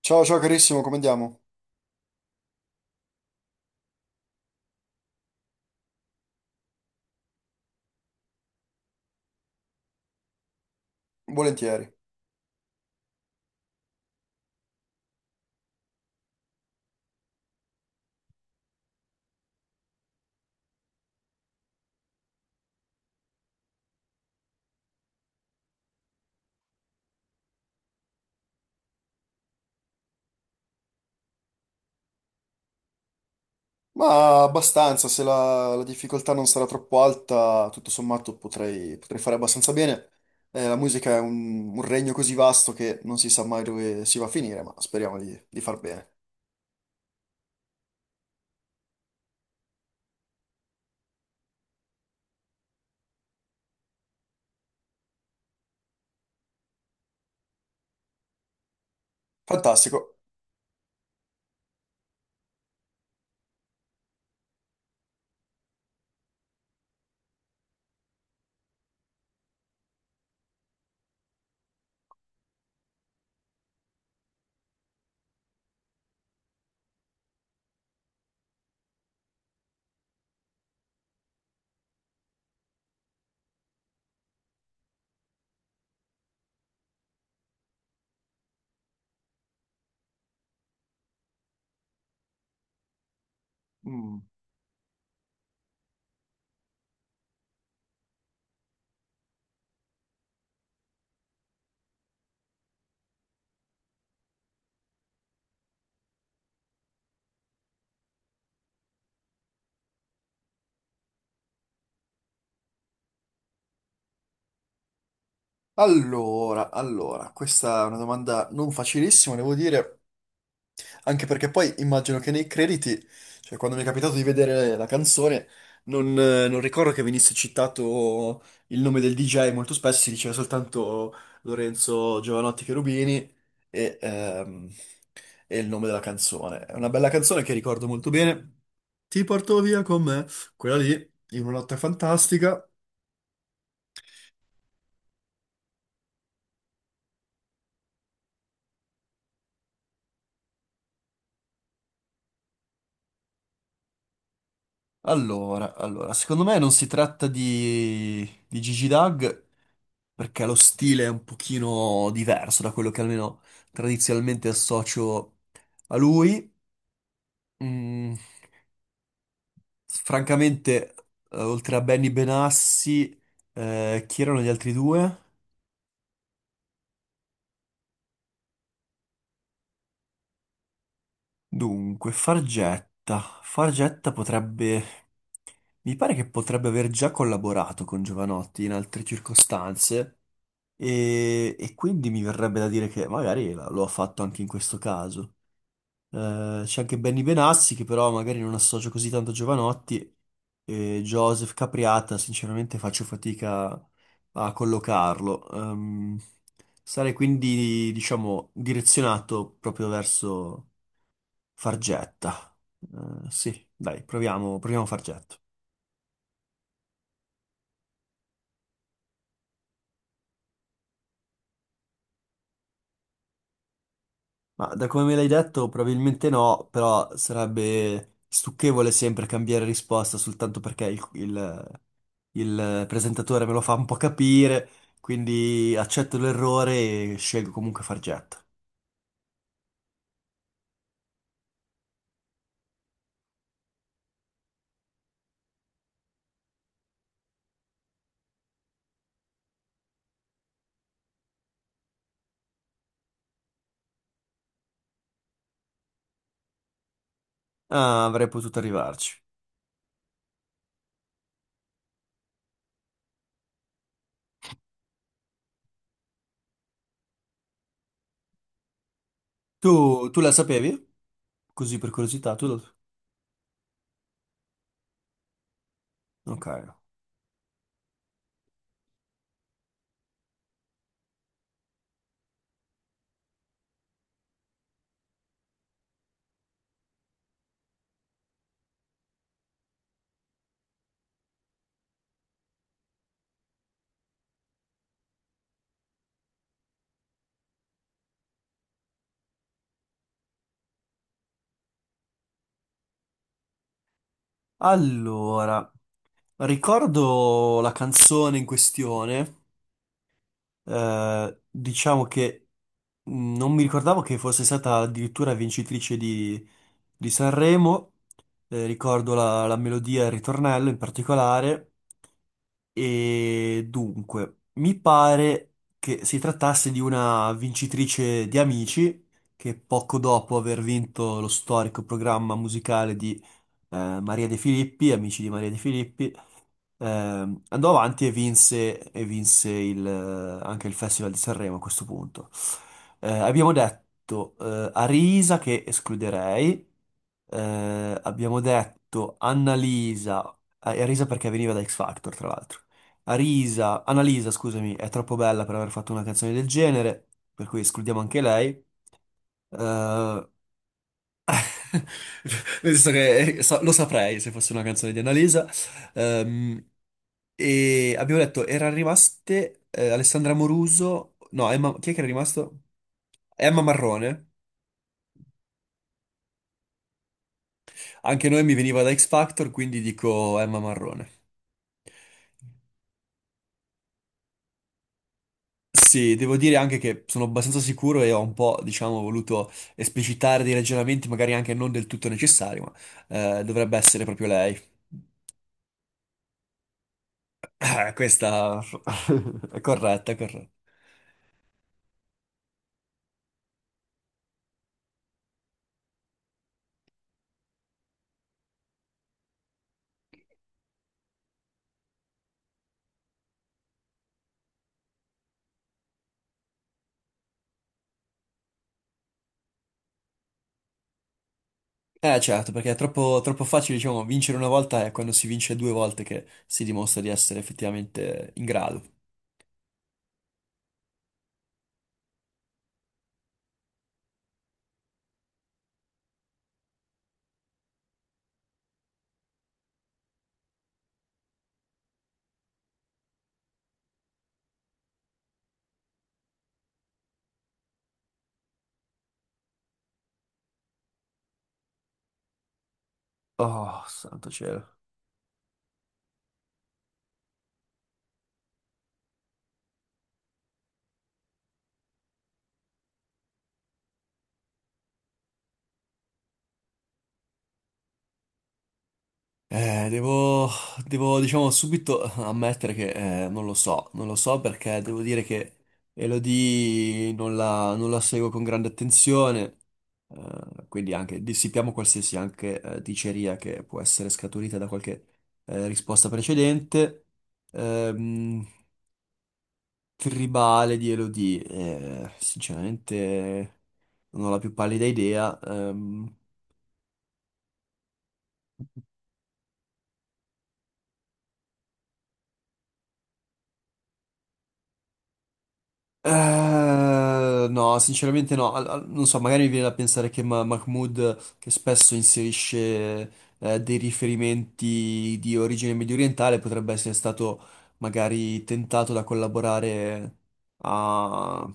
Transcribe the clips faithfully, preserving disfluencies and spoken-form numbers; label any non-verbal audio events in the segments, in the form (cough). Ciao, ciao carissimo, come andiamo? Volentieri. Ma abbastanza, se la, la difficoltà non sarà troppo alta, tutto sommato potrei, potrei fare abbastanza bene. Eh, la musica è un, un regno così vasto che non si sa mai dove si va a finire, ma speriamo di, di far bene. Fantastico. Mm. Allora, allora, questa è una domanda non facilissima, devo dire. Anche perché poi immagino che nei crediti, cioè quando mi è capitato di vedere la canzone, non, eh, non ricordo che venisse citato il nome del D J, molto spesso si diceva soltanto Lorenzo Giovanotti Cherubini e, ehm, e il nome della canzone. È una bella canzone che ricordo molto bene. Ti porto via con me, quella lì, in una notte fantastica. Allora, allora, secondo me non si tratta di, di Gigi Dag perché lo stile è un pochino diverso da quello che almeno tradizionalmente associo a lui. Mm, francamente, eh, oltre a Benny Benassi, eh, chi erano gli altri due? Dunque, Fargetta. Fargetta potrebbe... Mi pare che potrebbe aver già collaborato con Giovanotti in altre circostanze e, e quindi mi verrebbe da dire che magari la- lo ha fatto anche in questo caso. Eh, c'è anche Benny Benassi che però magari non associo così tanto a Giovanotti e Joseph Capriata sinceramente faccio fatica a collocarlo. Ehm, sarei quindi diciamo direzionato proprio verso Fargetta. Eh, sì, dai, proviamo, proviamo Fargetta. Ma da come me l'hai detto probabilmente no, però sarebbe stucchevole sempre cambiare risposta soltanto perché il, il il presentatore me lo fa un po' capire, quindi accetto l'errore e scelgo comunque Fargetta. Ah, avrei potuto arrivarci. Tu, tu la sapevi? Così per curiosità, tu lo... Ok. Allora, ricordo la canzone in questione. Eh, diciamo che mh, non mi ricordavo che fosse stata addirittura vincitrice di, di Sanremo. Eh, ricordo la, la melodia e il ritornello in particolare. E dunque, mi pare che si trattasse di una vincitrice di Amici, che poco dopo aver vinto lo storico programma musicale di eh, Maria De Filippi, Amici di Maria De Filippi. Ehm, andò avanti e vinse, e vinse il, eh, anche il Festival di Sanremo a questo punto. Eh, abbiamo detto eh, Arisa che escluderei, eh, abbiamo detto Annalisa, eh, Arisa perché veniva da X Factor tra l'altro. Arisa, Annalisa, scusami, è troppo bella per aver fatto una canzone del genere, per cui escludiamo anche lei. Eh, nel senso che eh, sa- lo saprei se fosse una canzone di Annalisa. Ehm, e abbiamo detto, erano rimaste eh, Alessandra Moruso, no, Emma, chi è che era rimasto? Emma Marrone. Anche noi mi veniva da X Factor, quindi dico Emma Marrone. Sì, devo dire anche che sono abbastanza sicuro e ho un po', diciamo, voluto esplicitare dei ragionamenti, magari anche non del tutto necessari, ma eh, dovrebbe essere proprio lei. (laughs) Ah, questa (laughs) è corretta, è corretta. Eh certo, perché è troppo, troppo facile, diciamo, vincere una volta è quando si vince due volte che si dimostra di essere effettivamente in grado. Oh, santo cielo. Eh, devo, devo, diciamo, subito ammettere che eh, non lo so, non lo so perché devo dire che Elodie non la, non la seguo con grande attenzione, eh, quindi anche dissipiamo qualsiasi anche eh, diceria che può essere scaturita da qualche eh, risposta precedente. Ehm, tribale di Elodie. Eh, sinceramente non ho la più pallida idea. Ehm, eh, no, sinceramente no. Al- al- non so, magari mi viene da pensare che Ma- Mahmood, che spesso inserisce eh, dei riferimenti di origine mediorientale, potrebbe essere stato magari tentato da collaborare a,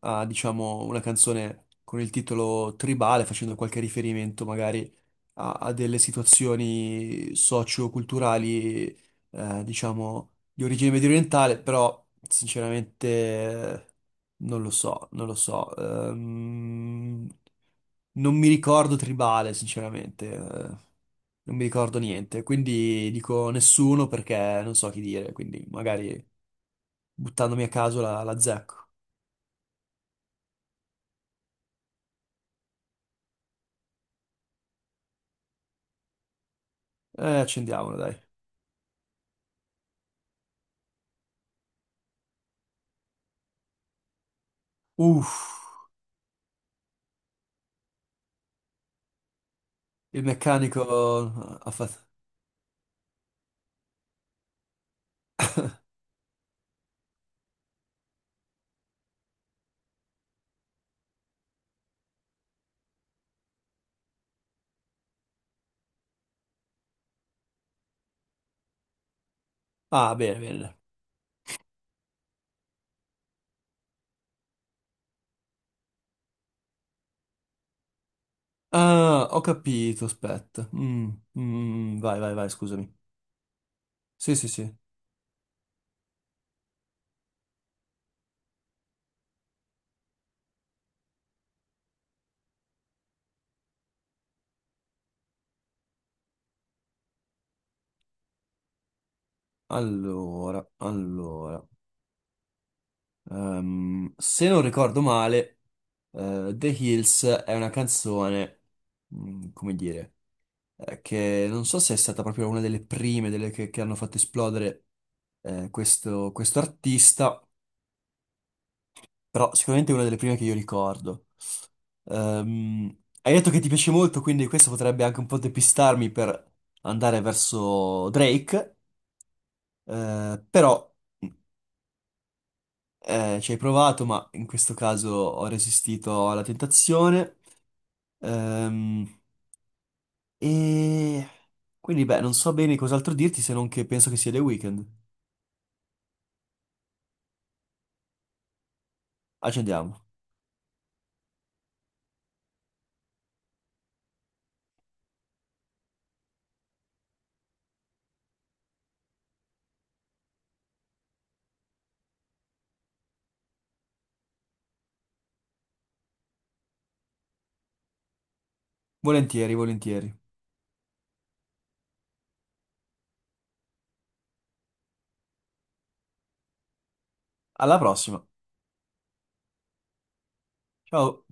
a, diciamo, una canzone con il titolo Tribale, facendo qualche riferimento magari a, a delle situazioni socio-culturali, eh, diciamo, di origine medio orientale, però sinceramente eh, non lo so, non lo so. Ehm, non mi ricordo tribale, sinceramente, eh, non mi ricordo niente, quindi dico nessuno perché non so chi dire, quindi magari buttandomi a caso la, la zecco. Eh, accendiamola, dai. Uff, il meccanico ha fatto... Ah, bene, bene. Ah, ho capito, aspetta. Mm, mm, mm, mm, vai, vai, vai, scusami. Sì, sì, sì. Allora, allora. Ehm, se non ricordo male, eh, The Hills è una canzone, mm, come dire, eh, che non so se è stata proprio una delle prime, delle che, che hanno fatto esplodere eh, questo, questo artista. Però sicuramente è una delle prime che io ricordo. Ehm, hai detto che ti piace molto, quindi questo potrebbe anche un po' depistarmi per andare verso Drake, eh, però eh, ci hai provato, ma in questo caso ho resistito alla tentazione. Ehm, e quindi, beh, non so bene cos'altro dirti se non che penso che sia The Weeknd. Accendiamo. Volentieri, volentieri. Alla prossima. Ciao.